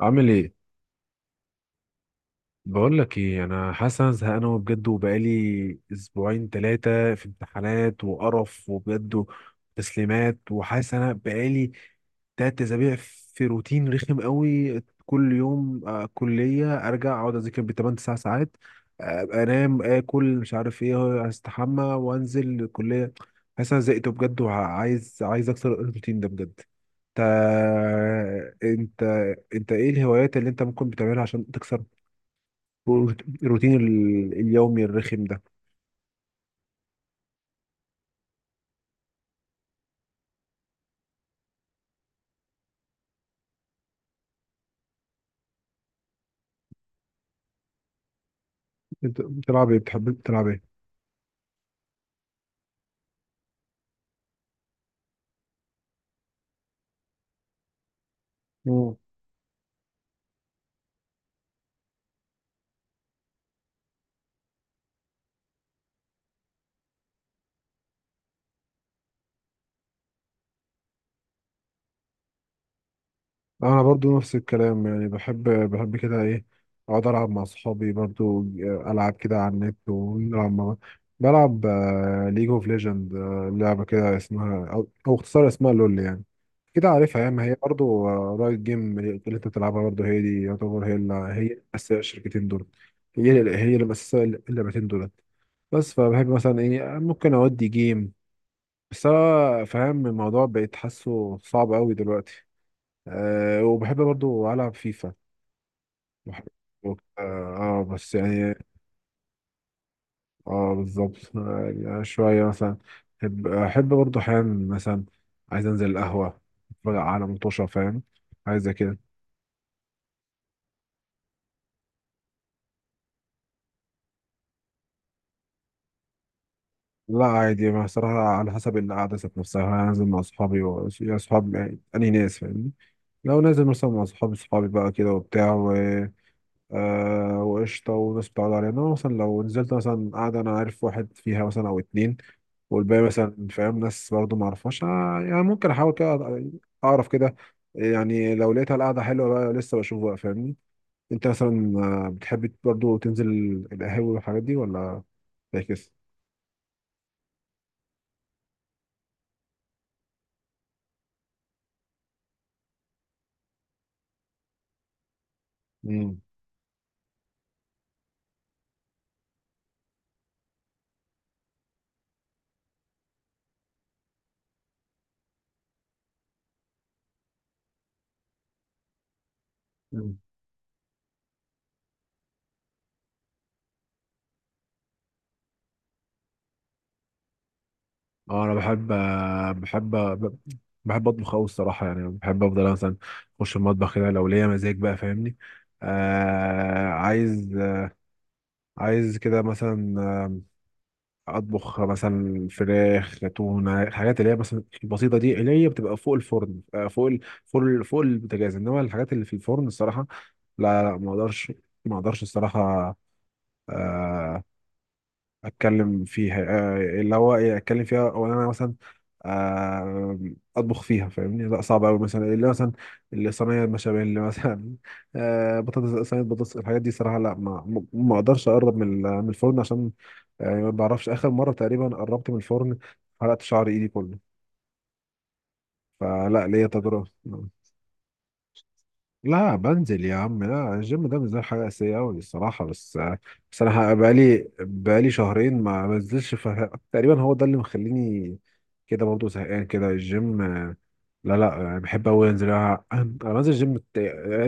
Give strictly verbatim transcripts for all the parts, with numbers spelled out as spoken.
عامل ايه؟ بقول لك ايه، انا حاسس انا زهقان أوي بجد، وبقالي اسبوعين ثلاثه في امتحانات وقرف وبجد تسليمات، وحاسس انا بقالي تلات اسابيع في روتين رخم قوي. كل يوم آه، كليه، ارجع اقعد اذاكر بتمن تسع ساعات، آه، أبقى انام اكل مش عارف ايه، استحمى وانزل الكليه. حاسس انا زهقت بجد، وعايز عايز اكسر الروتين ده بجد. تا- انت، انت ايه الهوايات اللي انت ممكن بتعملها عشان تكسر الروتين ال- اليومي الرخم ده؟ انت بتلعب ايه؟ بتحب تلعب ايه؟ مم. انا برضو نفس الكلام، يعني بحب، بحب كده ايه، اقعد العب مع اصحابي برضو، العب كده على النت ونلعب مع بعض. بلعب ليج اوف ليجند، لعبة كده اسمها او, أو اختصار اسمها لول يعني، كده عارفها يعني، ما هي برضو آه، رايت جيم اللي انت بتلعبها برضو، هي دي. يعتبر هي اللي هي اللي مأسسة الشركتين دول، هي اللي هي اللي مأسسة اللعبتين دول. بس فبحب مثلا ايه، ممكن اودي جيم، بس انا فاهم الموضوع بقيت حاسه صعب قوي دلوقتي. أه، وبحب برضو العب فيفا. بحب، اه، آه، بس يعني، اه بالظبط، آه، يعني شويه مثلا، احب احب برضو احيانا مثلا، عايز انزل القهوه، اتفرج على مطوشه، فاهم؟ عايز زي كده. لا عادي، ما صراحه على حسب القعده ذات نفسها. هنزل مع اصحابي و... يا اصحابي يعني، انهي ناس، فاهمني؟ لو نازل مثلا مع اصحابي، اصحابي بقى كده وبتاع، آه وقشطة، وناس بتعرض علينا مثلا. لو نزلت مثلا قاعدة، أنا عارف واحد فيها مثلا أو اتنين، والباقي مثلا، فاهم، ناس برضه معرفهاش، آه، يعني ممكن أحاول كده أعرف كده. يعني لو لقيتها القعدة حلوة بقى لسه بشوف بقى، فاهمني؟ أنت مثلا، آه، بتحب برضه تنزل القهاوي والحاجات دي ولا؟ فاكس؟ مم. مم. اه انا بحب، بحب بحب اطبخ قوي الصراحه، يعني بحب افضل مثلا اخش المطبخ كده لو ليا مزاج بقى، فاهمني؟ آه عايز، عايز كده مثلا اطبخ مثلا فراخ، تونه، الحاجات اللي هي مثلا البسيطه دي، اللي هي بتبقى فوق الفرن. آه، فوق ال... فوق ال... فوق البوتاجاز، انما الحاجات اللي في الفرن الصراحه لا، لا، ما اقدرش، ما اقدرش الصراحه. آه، اتكلم فيها، آه، اللي هو ايه، اتكلم فيها او إن انا مثلا آه، اطبخ فيها، فاهمني؟ لا صعب قوي. مثلا اللي مثلا اللي صينيه المشابيل مثلا آه، بطاطس، صينيه بطاطس، الحاجات دي صراحه لا، ما ما ما اقدرش اقرب من ال- من الفرن، عشان آه، يعني ما بعرفش، اخر مره تقريبا قربت من الفرن حرقت شعر ايدي كله، فلا ليا تجربه. لا بنزل يا عم، لا الجيم ده بالنسبه لي حاجه اساسيه قوي الصراحه، بس، بس انا بقالي بقالي شهرين ما بنزلش ف... تقريبا هو ده اللي مخليني كده برضه زهقان كده الجيم. آه، لا لا، يعني بحب قوي انزل انا. أنا بنزل الجيم ت-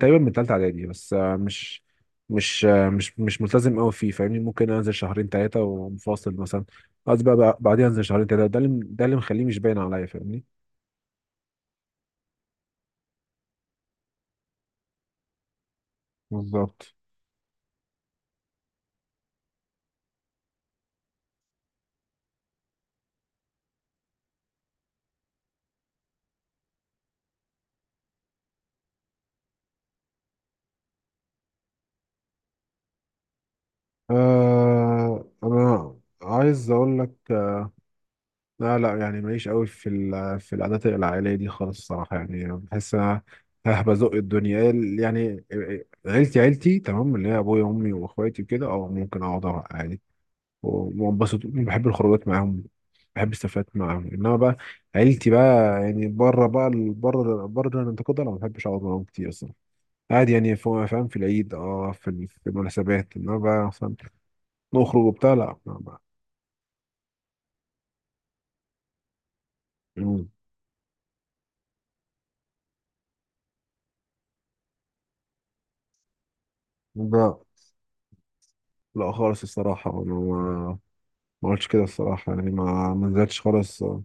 تقريبا من تالتة اعدادي، بس آه، مش، مش آه، مش مش ملتزم قوي فيه، فاهمني؟ ممكن انزل شهرين ثلاثه ومفاصل مثلا، قصدي بقى بقى- بعدين انزل شهرين ثلاثه، ده اللي ده اللي مخليه مش باين عليا، فاهمني؟ بالظبط. آه انا عايز اقول لك، لا لا، يعني ماليش قوي في ال- في العادات العائليه دي خالص الصراحه. يعني بحس انا ها بزق الدنيا يعني. عيلتي، عيلتي تمام، اللي هي ابويا وامي واخواتي وكده، اه ممكن اقعد، أقعد عادي وانبسط، بحب الخروجات معاهم، بحب السفرات معاهم. انما بقى عيلتي بقى يعني بره بقى ال- بره بره الانتقاد، انا ما بحبش اقعد معاهم كتير اصلا، عادي يعني، فا- فاهم؟ في العيد، اه في ال- في المناسبات، انما بقى مثلا نخرج وبتاع لا. مم. لا لا خالص الصراحة، أنا ما، ما قلتش كده الصراحة، يعني ما، ما نزلتش خالص. آه،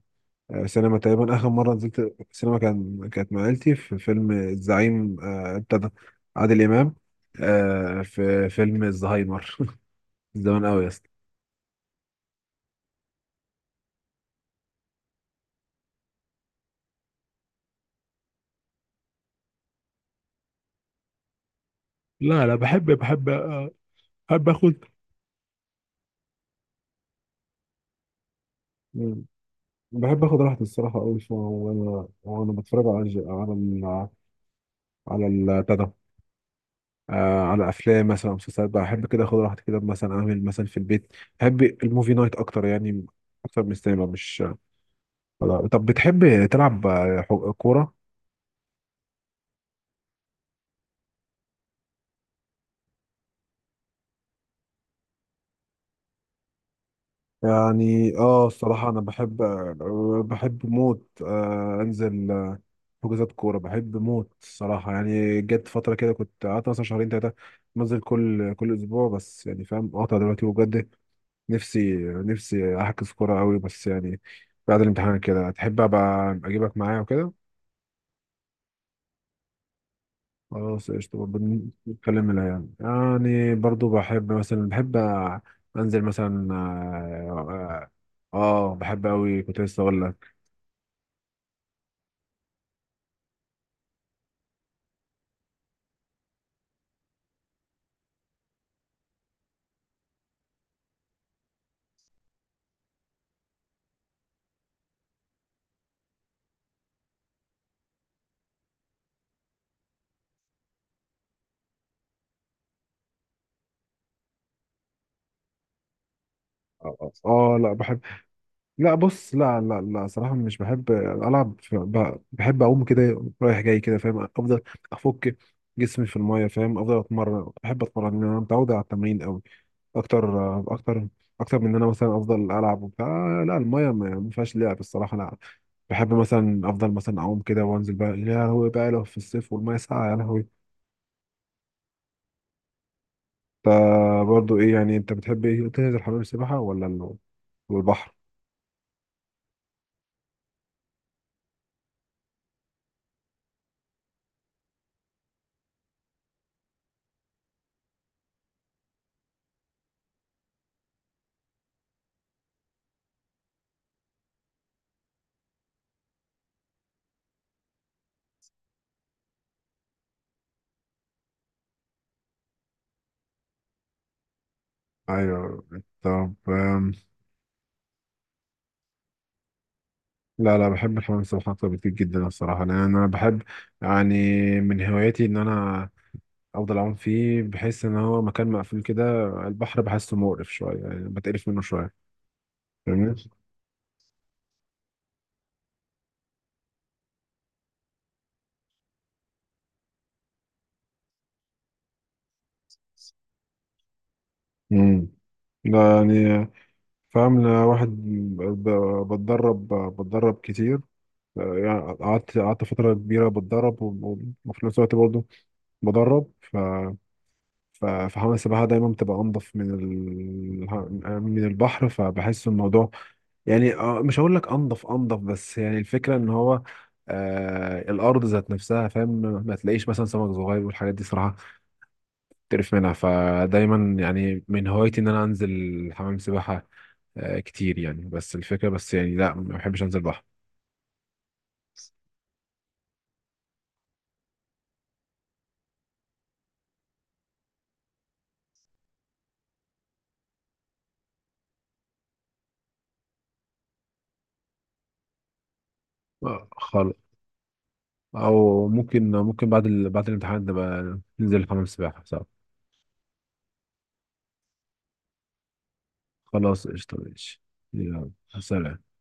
سينما تقريبا، آخر مرة نزلت سينما كان، كانت مع عيلتي في فيلم الزعيم، آه، بتاع ده، عادل إمام، آه، في فيلم الزهايمر زمان أوي يا اسطى. لا لا بحب، بحب، آه، بحب اخد. مم. بحب آخد راحتي الصراحة أوي، ف- وأنا وأنا بتفرج على الج- على ال- على ال- بتاع ده، آه على افلام مثلا أو مسلسلات بقى، احب كده اخد راحتي كده مثلا، اعمل مثلا في البيت. بحب الموفي نايت اكتر يعني، اكتر من السينما، مش آه. طب بتحب تلعب آه، حو- كوره؟ يعني اه الصراحه انا بحب، آه بحب موت، آه انزل، آه، حجوزات كوره بحب موت الصراحه. يعني جت فتره كده كنت قعدت مثلا شهرين ثلاثه بنزل كل كل اسبوع، بس يعني فاهم قاطع دلوقتي، وبجد نفسي، نفسي احجز كوره قوي، بس يعني بعد الامتحان كده تحب ابقى اجيبك معايا وكده. خلاص قشطة برضه. نتكلم منها يعني، يعني برضه بحب مثلا، بحب أنزل مثلا آه, آه, آه بحب أوي، كنت لسه أقول لك آه, آه. آه، لا بحب، لا بص لا، لا لا صراحة مش بحب ألعب في- ب- بحب أقوم كده رايح جاي كده، فاهم؟ أفضل أفك جسمي في الماية، فاهم؟ أفضل أتمرن، بحب أتمرن، أنا متعود على التمرين أوي، اكتر، اكتر اكتر من ان انا مثلا افضل العب وبتاع، لا المايه ما ما فيهاش لعب الصراحه. انا بحب مثلا افضل مثلا اعوم كده وانزل بقى، يا لهوي بقى لو في الصيف والمايه ساقعه يا لهوي. انت برضه ايه يعني، انت بتحب ايه، تنزل حمام السباحه ولا ال- والبحر؟ ايوه، طب آم، لا لا، بحب الحمام السباحه اكتر بكتير جدا الصراحه، لان انا بحب يعني من هواياتي ان انا افضل اعوم فيه. بحس ان هو مكان مقفول كده. البحر بحسه مقرف شويه، يعني بتقرف منه شويه، فاهمني؟ امم لا يعني، فاهم أنا واحد ب- بتدرب، بتدرب كتير، يعني قعدت، قعدت فترة كبيرة بتدرب، و- وفي نفس الوقت برضه بدرب، ف ف- فحمام السباحة دايما بتبقى أنضف من ال... من البحر، فبحس الموضوع يعني آه، مش هقول لك أنضف أنضف، بس يعني الفكرة إن هو آه الأرض ذات نفسها، فاهم؟ ما تلاقيش مثلا سمك صغير والحاجات دي صراحة تعرف منها، فدايما يعني من هوايتي ان انا انزل حمام سباحة آه، كتير يعني. بس الفكرة بس يعني لا، ما بحبش انزل بحر. آه، خالص. او ممكن، ممكن بعد ال... بعد الامتحان نبقى ننزل حمام سباحة، صح؟ خلاص قشطة، ماشي، يلا، سلام.